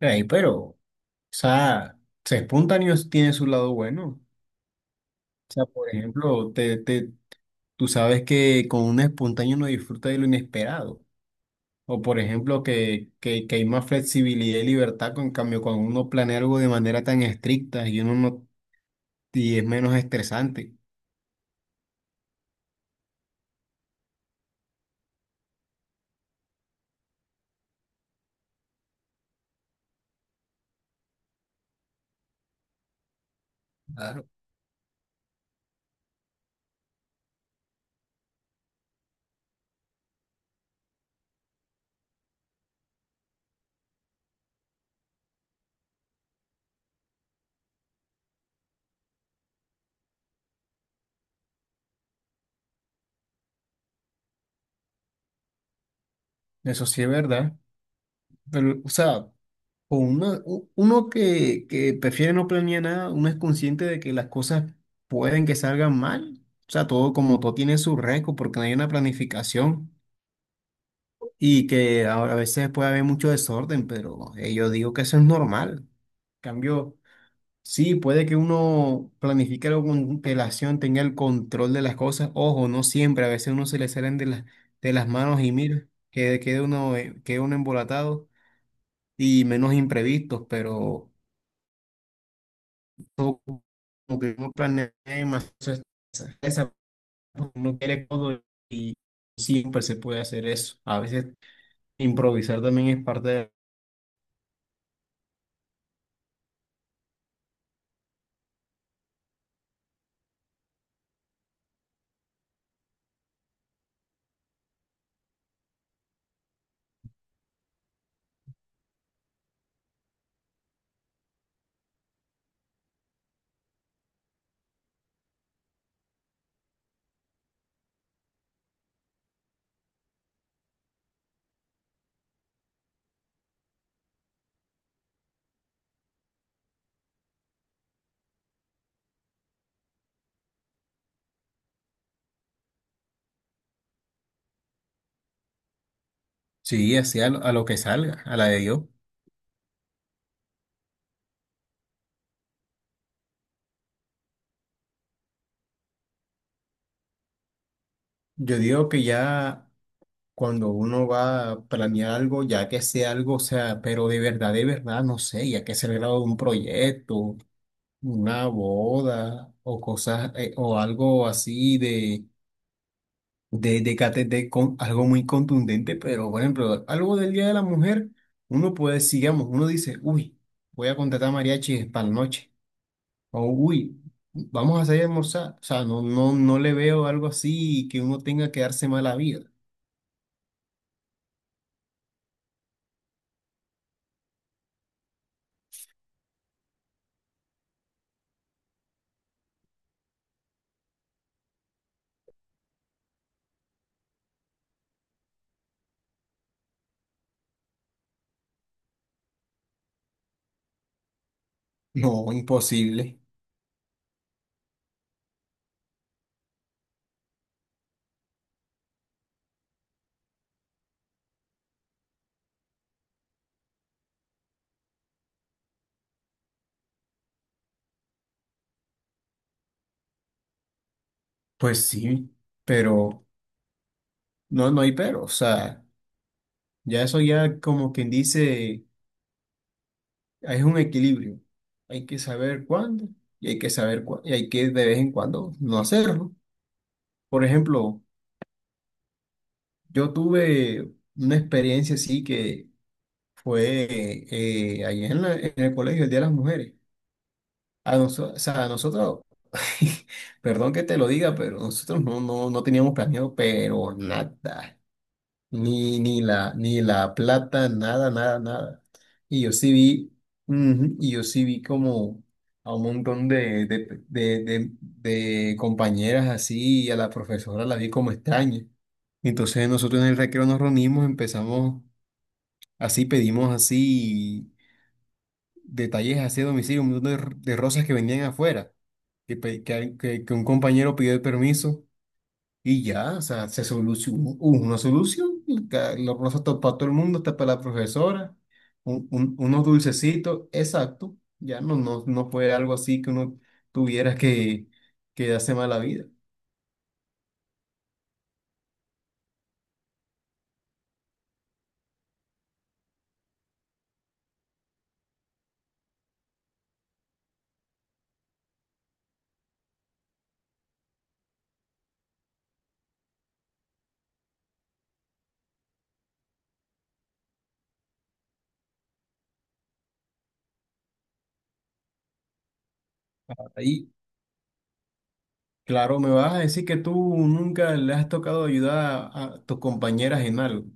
Ey, pero, o sea, ser espontáneo tiene su lado bueno. O sea, por ejemplo, tú sabes que con un espontáneo uno disfruta de lo inesperado. O por ejemplo, que hay más flexibilidad y libertad, con en cambio, cuando uno planea algo de manera tan estricta y uno no, y es menos estresante. Claro. Eso sí es verdad. Pero, o sea, uno que prefiere no planear nada, uno es consciente de que las cosas pueden que salgan mal. O sea, todo como todo tiene su riesgo porque no hay una planificación y que a veces puede haber mucho desorden, pero yo digo que eso es normal. Cambio, sí, puede que uno planifique algo con relación tenga el control de las cosas. Ojo, no siempre, a veces uno se le salen de las manos y mira, que quede uno, queda uno embolatado y menos imprevistos, pero. No como que uno planea más esa porque quiere todo y siempre se puede hacer eso. A veces improvisar también es parte de... Sí, así a lo que salga, a la de Dios. Yo digo que ya cuando uno va a planear algo, ya que sea algo, o sea, pero de verdad, no sé, ya que sea el grado de un proyecto, una boda o cosas, o algo así de de KTT con algo muy contundente, pero por ejemplo, algo del Día de la Mujer, uno puede, decir, digamos uno dice, uy, voy a contratar mariachis para la noche, o uy, vamos a salir a almorzar, o sea, no le veo algo así que uno tenga que darse mala vida. No, imposible. Pues sí, pero no, no hay pero, o sea, ya eso ya como quien dice, es un equilibrio. Hay que saber cuándo y hay que de vez en cuando no hacerlo. Por ejemplo, yo tuve una experiencia así que fue ahí en, en el colegio, el Día de las Mujeres. A nosotros, o sea, a nosotros, perdón que te lo diga, pero nosotros no teníamos planeado, pero nada. Ni la plata, nada, nada, nada. Y yo sí vi, ujú, y yo sí vi como a un montón de compañeras así, y a la profesora la vi como extraña. Entonces nosotros en el recreo nos reunimos, empezamos así, pedimos así detalles así a domicilio, un montón de rosas que vendían afuera, que, pe- que un compañero pidió el permiso. Y ya, o sea, se solucionó, hubo una solución, y los rosas para todo el mundo, hasta para la profesora, unos dulcecitos, exacto, ya no fue algo así que uno tuviera que darse mala vida. Y claro, me vas a decir que tú nunca le has tocado ayudar a tus compañeras en algo,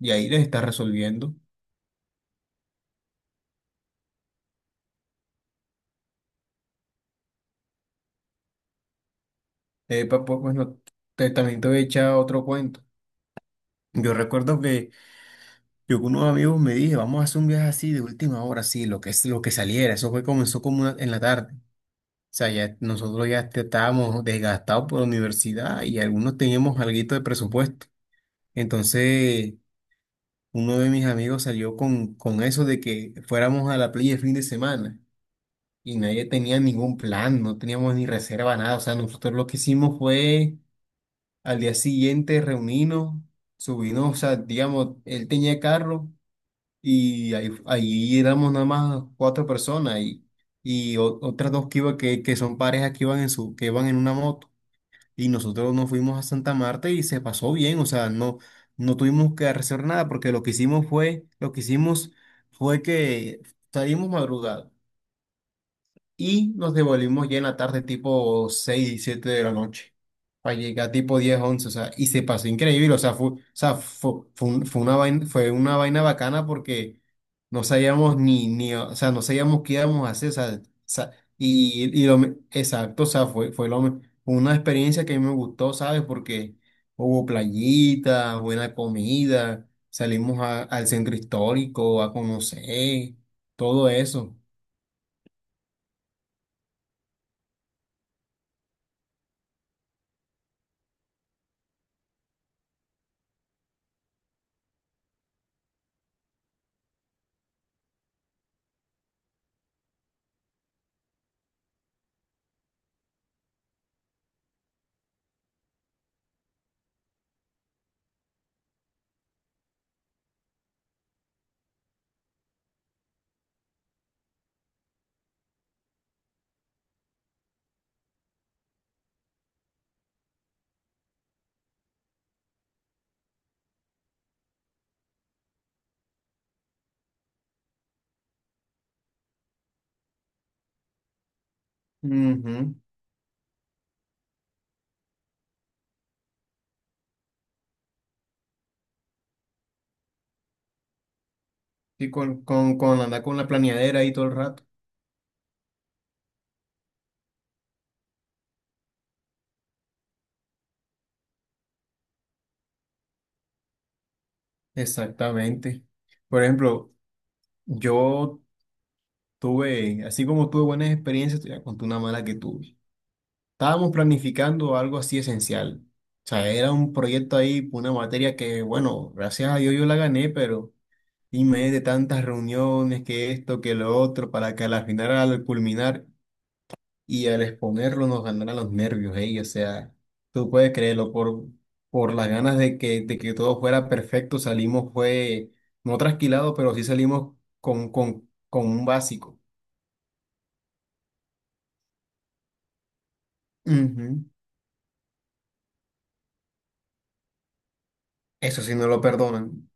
y ahí les estás resolviendo. Pues, bueno, también te voy a echar otro cuento. Yo recuerdo que yo con unos amigos me dije, vamos a hacer un viaje así de última hora, sí, lo que es lo que saliera. Eso fue, comenzó como en la tarde. O sea, ya nosotros ya estábamos desgastados por la universidad y algunos teníamos alguito de presupuesto. Entonces, uno de mis amigos salió con eso de que fuéramos a la playa el fin de semana y nadie tenía ningún plan, no teníamos ni reserva, nada. O sea, nosotros lo que hicimos fue al día siguiente reunirnos, subirnos, o sea, digamos, él tenía carro. Y ahí, ahí éramos nada más cuatro personas y otras dos que, iba, que son parejas que iban en su, que iban en una moto. Y nosotros nos fuimos a Santa Marta y se pasó bien. O sea, no, no tuvimos que hacer nada porque lo que hicimos fue, lo que hicimos fue que salimos madrugados y nos devolvimos ya en la tarde tipo 6 7 de la noche, para llegar tipo 10 11 o sea, y se pasó increíble, o sea, fue, fue una vaina bacana porque no sabíamos ni, ni, o sea, no sabíamos qué íbamos a hacer, o sea, y exacto, o sea, fue, una experiencia que a mí me gustó, ¿sabes? Porque hubo playita, buena comida, salimos al centro histórico a conocer, todo eso. Ujú. Sí, con andar con la planeadera ahí todo el rato. Exactamente. Por ejemplo, yo tuve, así como tuve buenas experiencias, te voy a contar una mala que tuve. Estábamos planificando algo así esencial. O sea, era un proyecto ahí, una materia que, bueno, gracias a Dios yo la gané, pero y me de tantas reuniones, que esto, que lo otro, para que al final, al culminar, y al exponerlo nos ganará los nervios, ey, o sea, tú puedes creerlo, por las ganas de que todo fuera perfecto, salimos, fue, no trasquilado, pero sí salimos con, con un básico. Ujú. Eso sí no lo perdonan.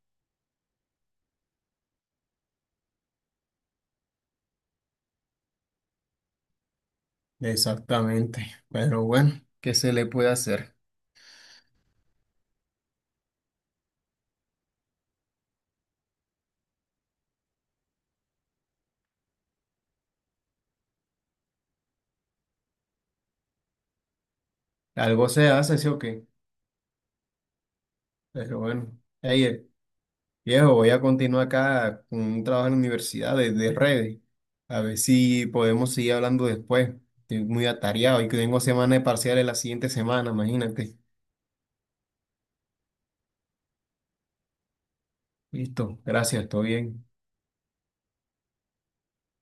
Exactamente. Pero bueno, ¿qué se le puede hacer? Algo se hace, sí o qué. Pero bueno, ey, viejo, voy a continuar acá con un trabajo en la universidad de redes. A ver si podemos seguir hablando después. Estoy muy atareado y que tengo semana de parciales la siguiente semana, imagínate. Listo, gracias, todo bien.